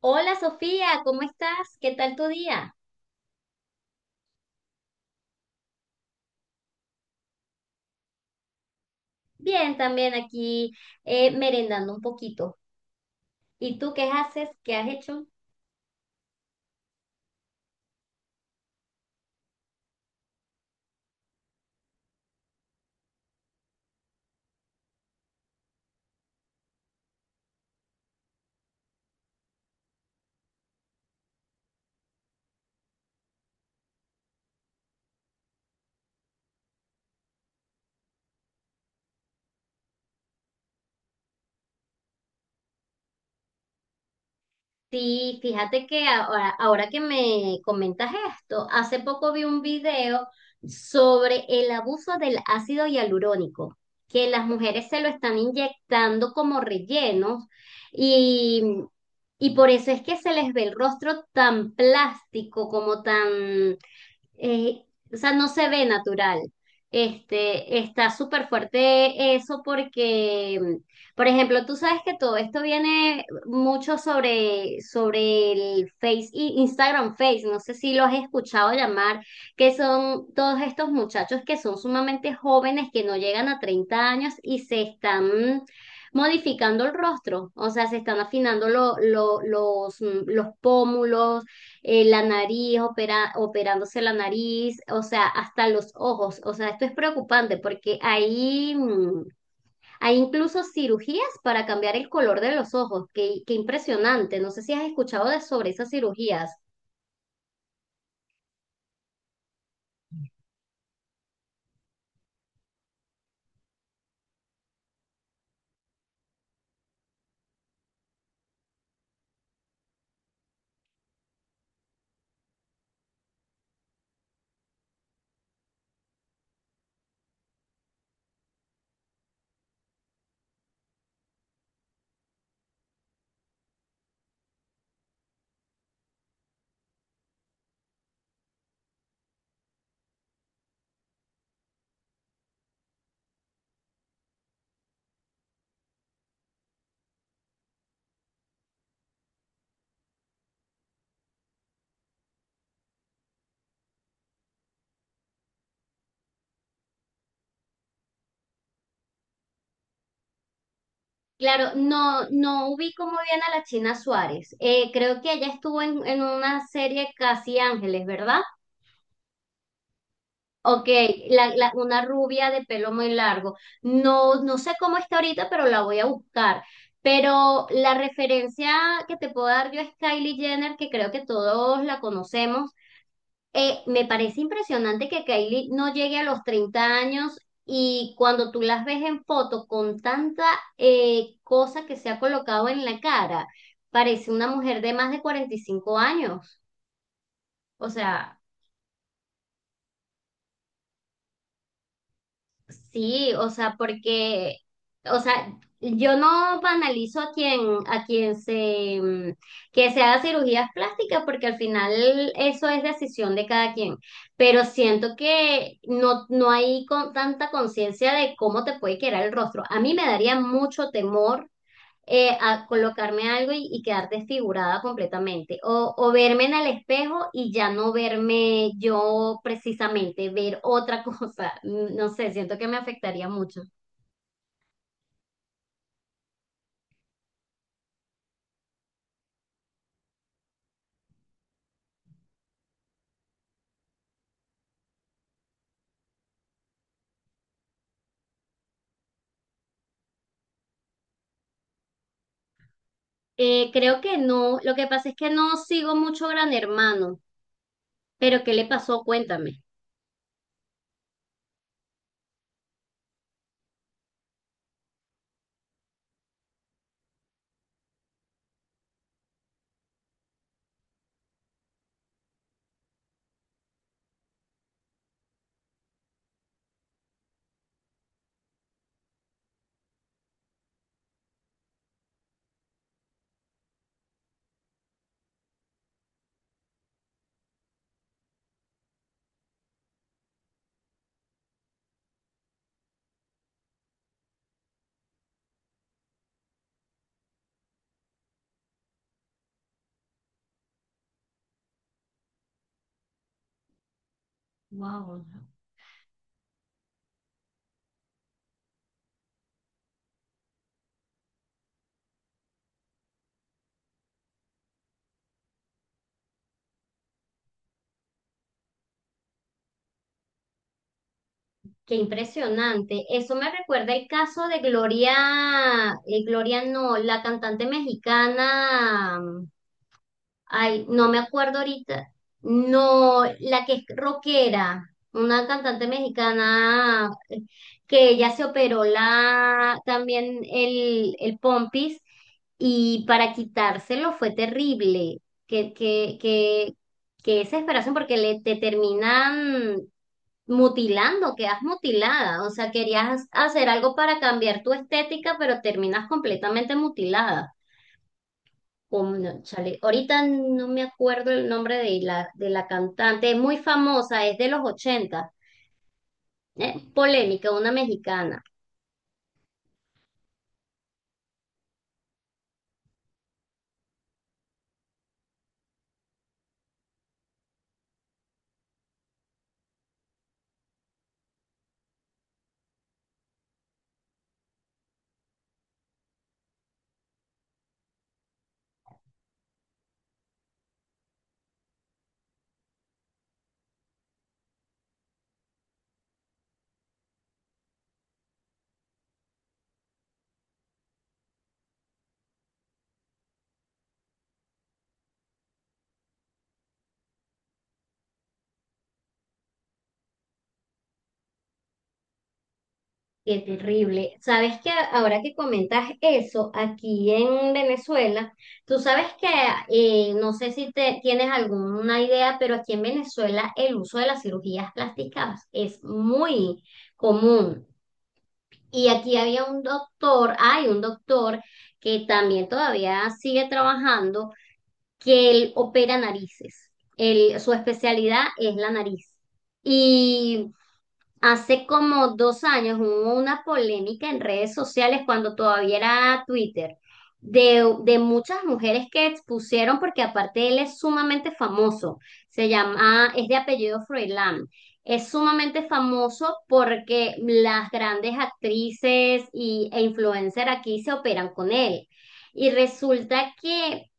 Hola Sofía, ¿cómo estás? ¿Qué tal tu día? Bien, también aquí merendando un poquito. ¿Y tú qué haces? ¿Qué has hecho? Sí, fíjate que ahora que me comentas esto, hace poco vi un video sobre el abuso del ácido hialurónico, que las mujeres se lo están inyectando como rellenos y, y por eso es que se les ve el rostro tan plástico, como tan eh, o sea, no se ve natural. Este, está súper fuerte eso porque, por ejemplo, tú sabes que todo esto viene mucho sobre el Instagram Face, no sé si lo has escuchado llamar, que son todos estos muchachos que son sumamente jóvenes, que no llegan a 30 años y se están modificando el rostro, o sea, se están afinando los pómulos la nariz, operándose la nariz, o sea, hasta los ojos. O sea, esto es preocupante porque hay incluso cirugías para cambiar el color de los ojos. Qué impresionante. No sé si has escuchado de, sobre esas cirugías. Claro, no, no ubico muy bien a la China Suárez. Creo que ella estuvo en una serie Casi Ángeles, ¿verdad? Ok, una rubia de pelo muy largo. No, no sé cómo está ahorita, pero la voy a buscar. Pero la referencia que te puedo dar yo es Kylie Jenner, que creo que todos la conocemos. Me parece impresionante que Kylie no llegue a los 30 años y cuando tú las ves en foto con tanta cosa que se ha colocado en la cara, parece una mujer de más de 45 años. O sea... Sí, o sea, porque, o sea, yo no banalizo a quien que se haga cirugías plásticas, porque al final eso es decisión de cada quien. Pero siento que no, no hay con, tanta conciencia de cómo te puede quedar el rostro. A mí me daría mucho temor a colocarme algo y quedar desfigurada completamente. O verme en el espejo y ya no verme yo precisamente, ver otra cosa. Mm, no sé, siento que me afectaría mucho. Creo que no. Lo que pasa es que no sigo mucho Gran Hermano. Pero ¿qué le pasó? Cuéntame. Wow. Qué impresionante. Eso me recuerda el caso de Gloria, Gloria no, la cantante mexicana. Ay, no me acuerdo ahorita. No, la que es rockera, una cantante mexicana que ella se operó la también el pompis y para quitárselo fue terrible. Que, que, que, que desesperación porque te terminan mutilando, quedas mutilada. O sea, querías hacer algo para cambiar tu estética, pero terminas completamente mutilada. Chale, ahorita no me acuerdo el nombre de de la cantante, es muy famosa, es de los 80, ¿eh? Polémica, una mexicana. Qué terrible. Sabes que ahora que comentas eso, aquí en Venezuela, tú sabes que, no sé si te, tienes alguna idea, pero aquí en Venezuela el uso de las cirugías plásticas es muy común. Y aquí hay un doctor que también todavía sigue trabajando que él opera narices. Su especialidad es la nariz. Y hace como 2 años hubo una polémica en redes sociales cuando todavía era Twitter. De muchas mujeres que expusieron, porque aparte él es sumamente famoso, se llama, es de apellido Froilán, es sumamente famoso porque las grandes actrices e influencers aquí se operan con él. Y resulta que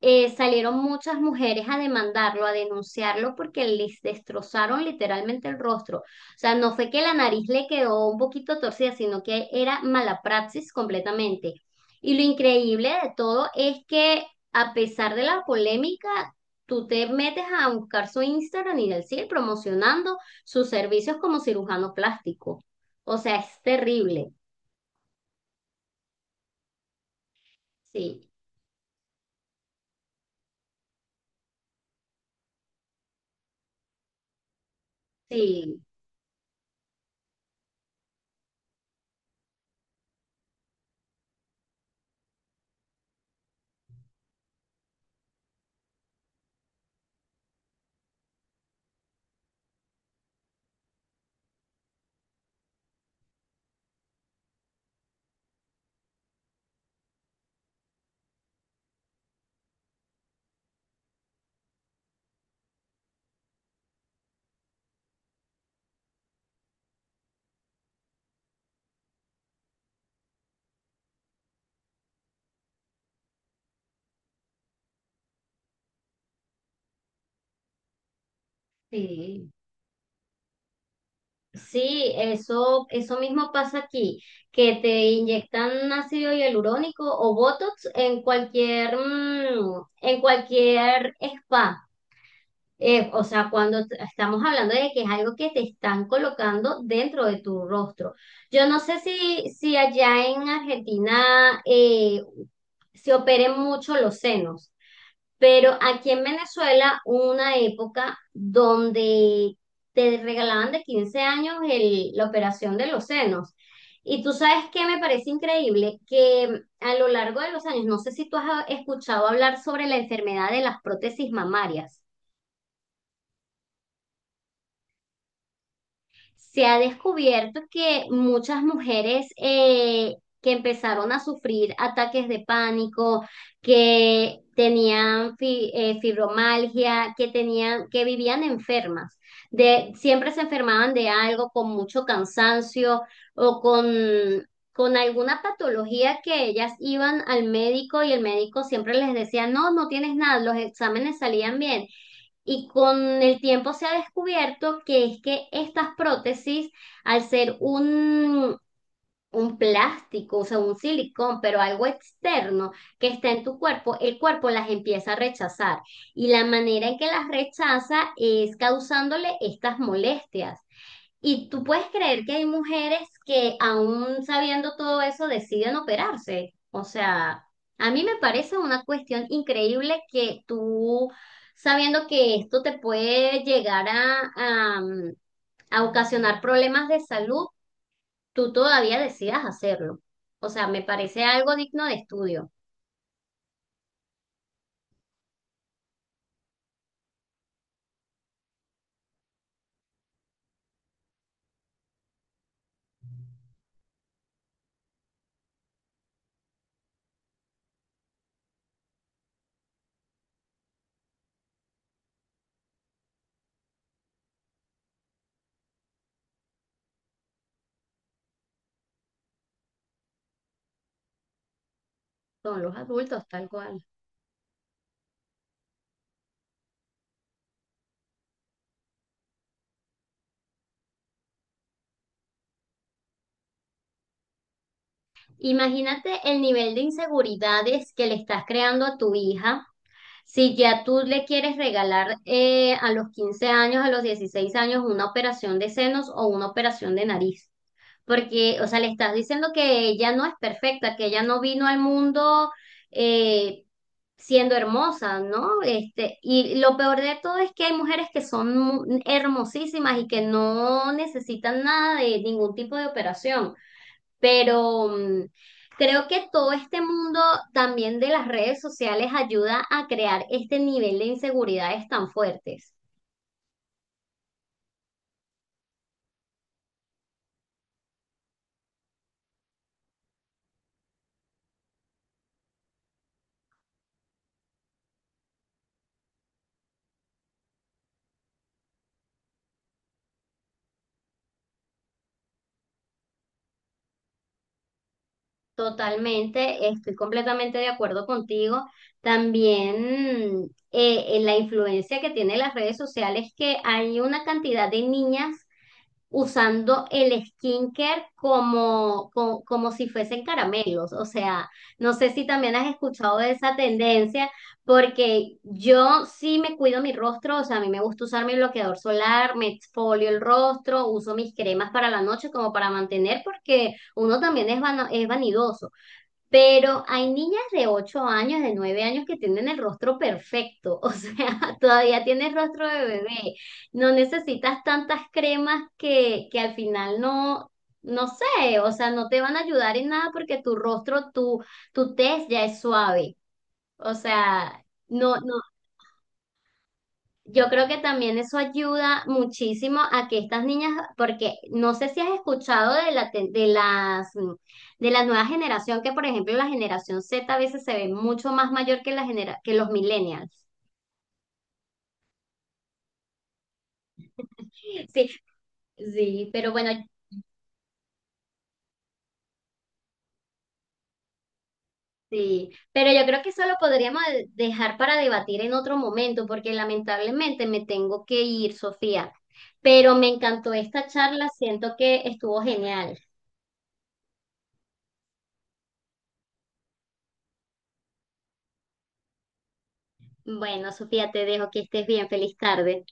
salieron muchas mujeres a demandarlo, a denunciarlo porque les destrozaron literalmente el rostro. O sea, no fue que la nariz le quedó un poquito torcida, sino que era mala praxis completamente. Y lo increíble de todo es que a pesar de la polémica, tú te metes a buscar su Instagram y él sigue promocionando sus servicios como cirujano plástico. O sea, es terrible. Sí, sí, sí. Sí, eso mismo pasa aquí, que te inyectan ácido hialurónico o Botox en en cualquier spa. O sea, estamos hablando de que es algo que te están colocando dentro de tu rostro. Yo no sé si, si allá en Argentina se operen mucho los senos. Pero aquí en Venezuela hubo una época donde te regalaban de 15 años la operación de los senos. Y tú sabes que me parece increíble que a lo largo de los años, no sé si tú has escuchado hablar sobre la enfermedad de las prótesis mamarias. Se ha descubierto que muchas mujeres que empezaron a sufrir ataques de pánico, que fibromialgia, que tenían, que vivían enfermas, de, siempre se enfermaban de algo con mucho cansancio o con alguna patología, que ellas iban al médico y el médico siempre les decía, no, no tienes nada, los exámenes salían bien y con el tiempo se ha descubierto que es que estas prótesis, al ser un plástico, o sea, un silicón, pero algo externo que está en tu cuerpo, el cuerpo las empieza a rechazar. Y la manera en que las rechaza es causándole estas molestias. Y tú puedes creer que hay mujeres que aún sabiendo todo eso deciden operarse. O sea, a mí me parece una cuestión increíble que tú, sabiendo que esto te puede llegar a, mm, a ocasionar problemas de salud, tú todavía decidas hacerlo. O sea, me parece algo digno de estudio. Son los adultos, tal cual. Imagínate el nivel de inseguridades que le estás creando a tu hija. Si ya tú le quieres regalar a los 15 años, a los 16 años, una operación de senos o una operación de nariz, porque, o sea, le estás diciendo que ella no es perfecta, que ella no vino al mundo eh, siendo hermosa, ¿no? Este, y lo peor de todo es que hay mujeres que son hermosísimas y que no necesitan nada de ningún tipo de operación. Pero mm, creo que todo este mundo también de las redes sociales ayuda a crear este nivel de inseguridades tan fuertes. Totalmente, estoy completamente de acuerdo contigo. También en la influencia que tienen las redes sociales, que hay una cantidad de niñas usando el skincare como si fuesen caramelos. O sea, no sé si también has escuchado de esa tendencia, porque yo sí me cuido mi rostro, o sea, a mí me gusta usar mi bloqueador solar, me exfolio el rostro, uso mis cremas para la noche como para mantener, porque uno también es vanidoso. Pero hay niñas de 8 años, de 9 años que tienen el rostro perfecto, o sea, todavía tienes rostro de bebé. No necesitas tantas cremas que al final no, no sé, o sea, no te van a ayudar en nada porque tu rostro, tu tez ya es suave. O sea, no, no yo creo que también eso ayuda muchísimo a que estas niñas, porque no sé si has escuchado de la, te- de las, de la nueva generación, que por ejemplo la generación Z a veces se ve mucho más mayor que que los millennials. Sí, sí, pero bueno, sí, pero yo creo que eso lo podríamos dejar para debatir en otro momento, porque lamentablemente me tengo que ir, Sofía. Pero me encantó esta charla, siento que estuvo genial. Bueno, Sofía, te dejo que estés bien, feliz tarde.